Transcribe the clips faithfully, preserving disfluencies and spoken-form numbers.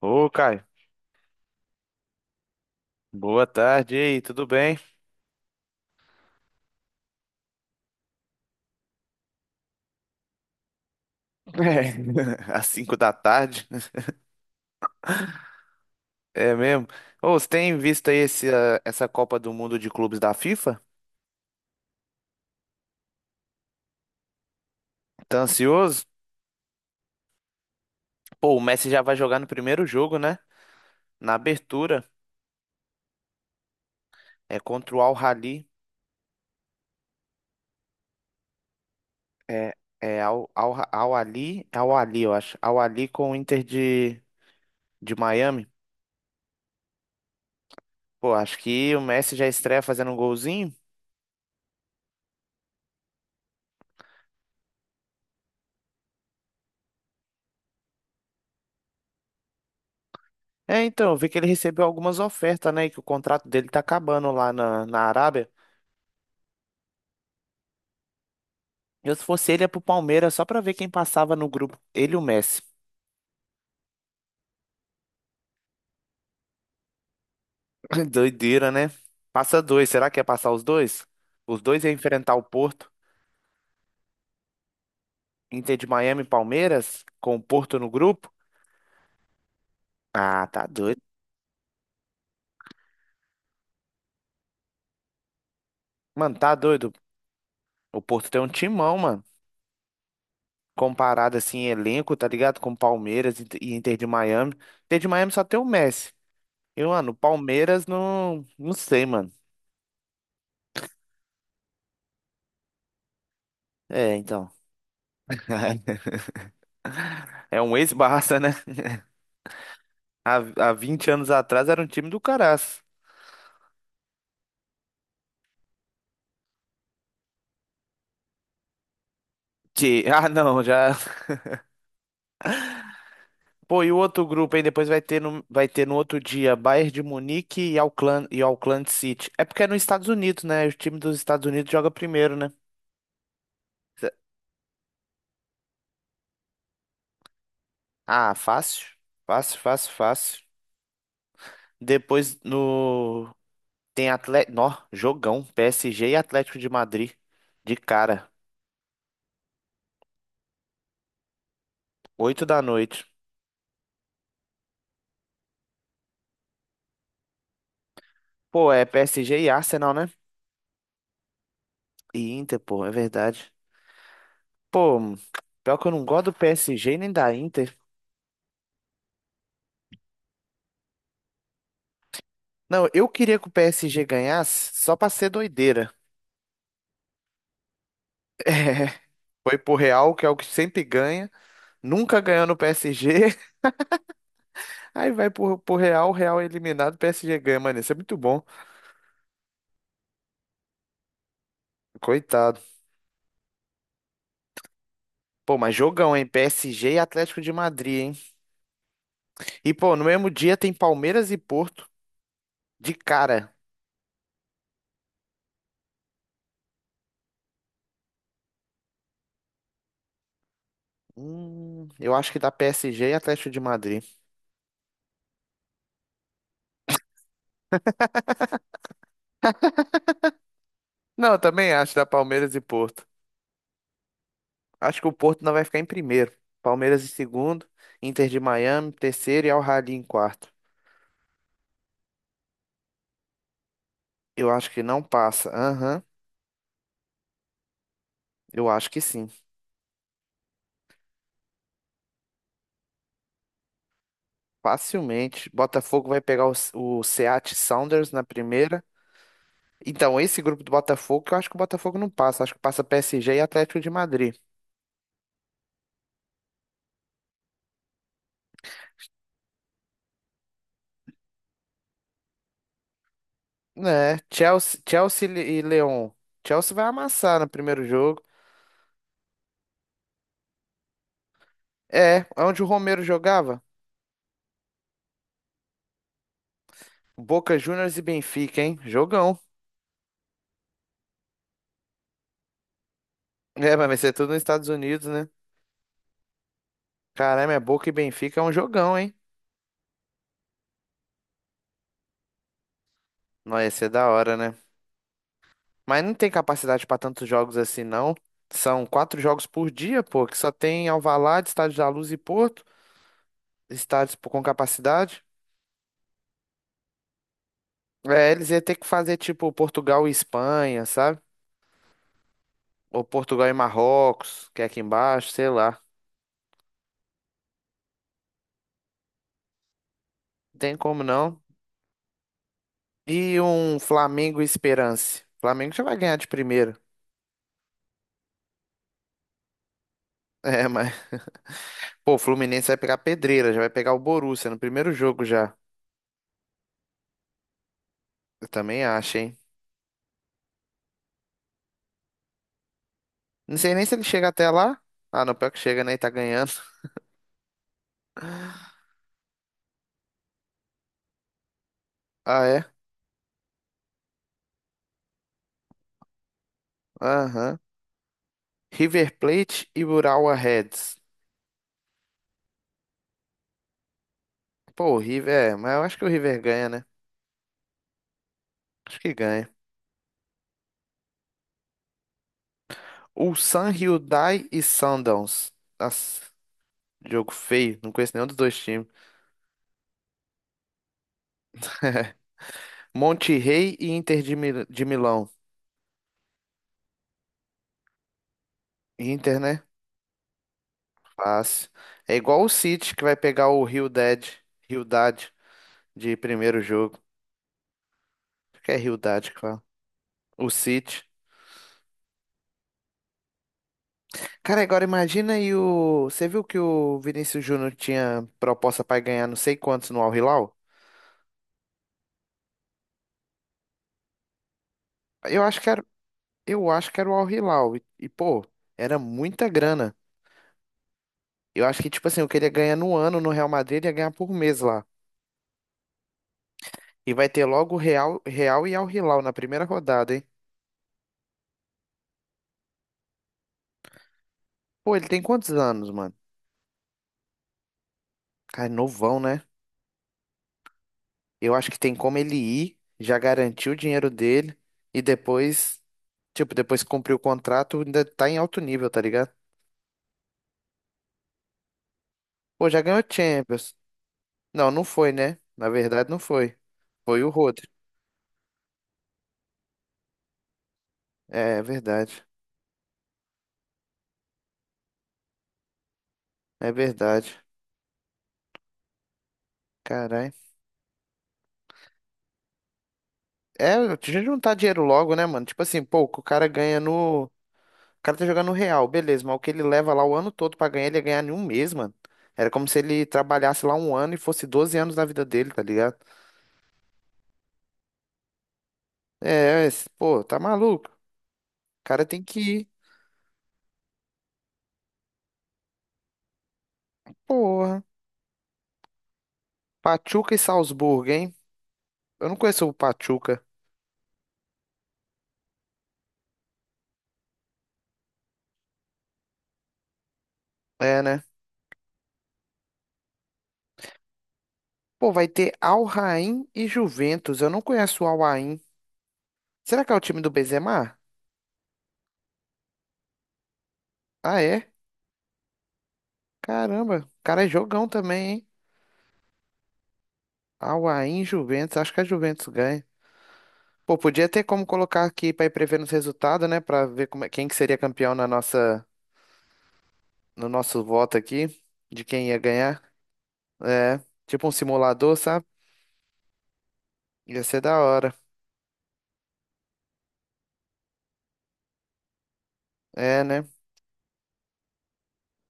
Ô, Caio, boa tarde e aí, tudo bem? É, às cinco da tarde, é mesmo? Ô, você tem visto aí esse, ah, essa Copa do Mundo de Clubes da FIFA? Tá ansioso? Pô, o Messi já vai jogar no primeiro jogo, né? Na abertura, é contra o Al-Ahly, é, é Al, Al, Al-Ahly, Al-Ahly, eu acho, Al-Ahly com o Inter de, de Miami. Pô, acho que o Messi já estreia fazendo um golzinho. É, então, eu vi que ele recebeu algumas ofertas, né? E que o contrato dele tá acabando lá na, na Arábia. Eu, se fosse ele, ia pro Palmeiras só pra ver quem passava no grupo. Ele e o Messi. Doideira, né? Passa dois. Será que ia passar os dois? Os dois iam enfrentar o Porto. Inter de Miami e Palmeiras, com o Porto no grupo? Ah, tá doido. Mano, tá doido. O Porto tem um timão, mano. Comparado assim, em elenco, tá ligado? Com Palmeiras e e Inter de Miami. Inter de Miami só tem o Messi. E, mano, o Palmeiras não. Não sei, mano. É, então. É um ex-Barça, né? Há, há vinte anos atrás era um time do caraço. Que- Ah, não, já. Pô, e o outro grupo aí depois vai ter no, vai ter no outro dia Bayern de Munique e Auckland, e Auckland City. É porque é nos Estados Unidos, né? O time dos Estados Unidos joga primeiro, né? Ah, fácil. Fácil, fácil, fácil. Depois no tem Atlético, nó, jogão, P S G e Atlético de Madrid de cara, oito da noite. Pô, é P S G e Arsenal, né? E Inter, pô, é verdade. Pô, pior que eu não gosto do P S G nem da Inter. Não, eu queria que o P S G ganhasse só pra ser doideira. Foi pro Real, que é o que sempre ganha, nunca ganhou no P S G. Aí vai pro, pro Real, o Real é eliminado, o P S G ganha, mano. Isso é muito bom. Coitado. Pô, mas jogão, hein? P S G e Atlético de Madrid, hein? E, pô, no mesmo dia tem Palmeiras e Porto de cara. Hum, eu acho que dá P S G e Atlético de Madrid. Não, eu também acho da Palmeiras e Porto. Acho que o Porto não vai ficar em primeiro. Palmeiras em segundo, Inter de Miami, em terceiro e Al-Ahly em quarto. Eu acho que não passa. Aham, eu acho que sim. Facilmente. Botafogo vai pegar o, o Seattle Sounders na primeira. Então, esse grupo do Botafogo, eu acho que o Botafogo não passa. Acho que passa P S G e Atlético de Madrid. Né? Chelsea, Chelsea e Leão. Chelsea vai amassar no primeiro jogo. É, onde o Romero jogava? Boca Juniors e Benfica, hein? Jogão. É, mas vai ser tudo nos Estados Unidos, né? Caramba, é Boca e Benfica é um jogão, hein? Nossa, ia ser da hora, né? Mas não tem capacidade para tantos jogos assim, não. São quatro jogos por dia, pô, que só tem Alvalade, Estádio da Luz e Porto, estádios pô, com capacidade. É, eles iam ter que fazer tipo Portugal e Espanha, sabe? Ou Portugal e Marrocos, que é aqui embaixo, sei lá. Não tem como não. E um Flamengo e Esperance. Flamengo já vai ganhar de primeira. É, mas. Pô, o Fluminense vai pegar pedreira, já vai pegar o Borussia no primeiro jogo já. Eu também acho, hein? Não sei nem se ele chega até lá. Ah, não, pior que chega, né? E tá ganhando. Ah, é? Aham. River Plate e Urawa Reds. Pô, o River, é, mas eu acho que o River ganha, né? Acho que ganha. Ulsan Hyundai e Sundowns. Nossa, jogo feio. Não conheço nenhum dos dois times. Monte Rey e Inter de, Mil- de Milão. Inter, né? Fácil. É igual o City que vai pegar o Rio Dead, Rio Hyundai de primeiro jogo. Acho que é Hyundai que fala. O City. Cara, agora imagina aí o. Você viu que o Vinícius Júnior tinha proposta para ganhar não sei quantos no Al Hilal? Eu acho que era, eu acho que era o Al Hilal. E, e, pô, era muita grana. Eu acho que, tipo assim, o que ele ia ganhar no ano no Real Madrid, ele ia ganhar por mês lá. E vai ter logo Real, Real e Al Hilal na primeira rodada, hein? Pô, ele tem quantos anos, mano? Cara, novão, né? Eu acho que tem como ele ir, já garantir o dinheiro dele e depois, tipo, depois que cumprir o contrato, ainda tá em alto nível, tá ligado? Pô, já ganhou Champions. Não, não foi, né? Na verdade, não foi. Foi o Rodri. É, é verdade. É verdade. Caralho. É, a gente juntar dinheiro logo, né, mano? Tipo assim, pô, o cara ganha no. O cara tá jogando no Real, beleza, mas o que ele leva lá o ano todo pra ganhar, ele ia ganhar em um mês, mano. Era como se ele trabalhasse lá um ano e fosse doze anos da vida dele, tá ligado? É, esse- pô, tá maluco. O cara tem que ir. Porra. Pachuca e Salzburgo, hein? Eu não conheço o Pachuca. É, né? Pô, vai ter Al Rain e Juventus. Eu não conheço o Al Rain. Será que é o time do Benzema? Ah, é? Caramba, o cara é jogão também, hein? Al Rain, Juventus. Acho que a Juventus ganha. Pô, podia ter como colocar aqui pra ir prevendo os resultados, né? Pra ver como é- quem que seria campeão na nossa, no nosso voto aqui, de quem ia ganhar. É, tipo um simulador, sabe? Ia ser da hora. É, né?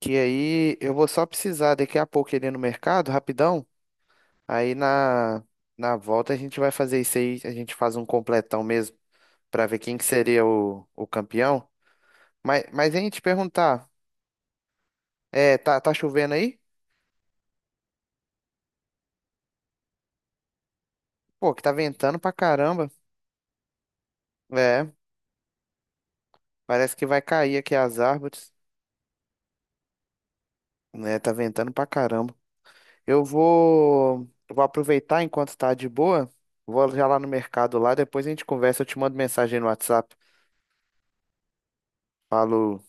Que aí eu vou só precisar daqui a pouco ele ir no mercado, rapidão. Aí na, na volta a gente vai fazer isso aí, a gente faz um completão mesmo pra ver quem que seria o, o campeão. Mas, mas hein, te perguntar, é, tá, tá chovendo aí? Pô, que tá ventando pra caramba. É, parece que vai cair aqui as árvores, né? Tá ventando pra caramba. Eu vou, vou aproveitar enquanto tá de boa, vou já lá no mercado lá, depois a gente conversa, eu te mando mensagem no WhatsApp. Falou.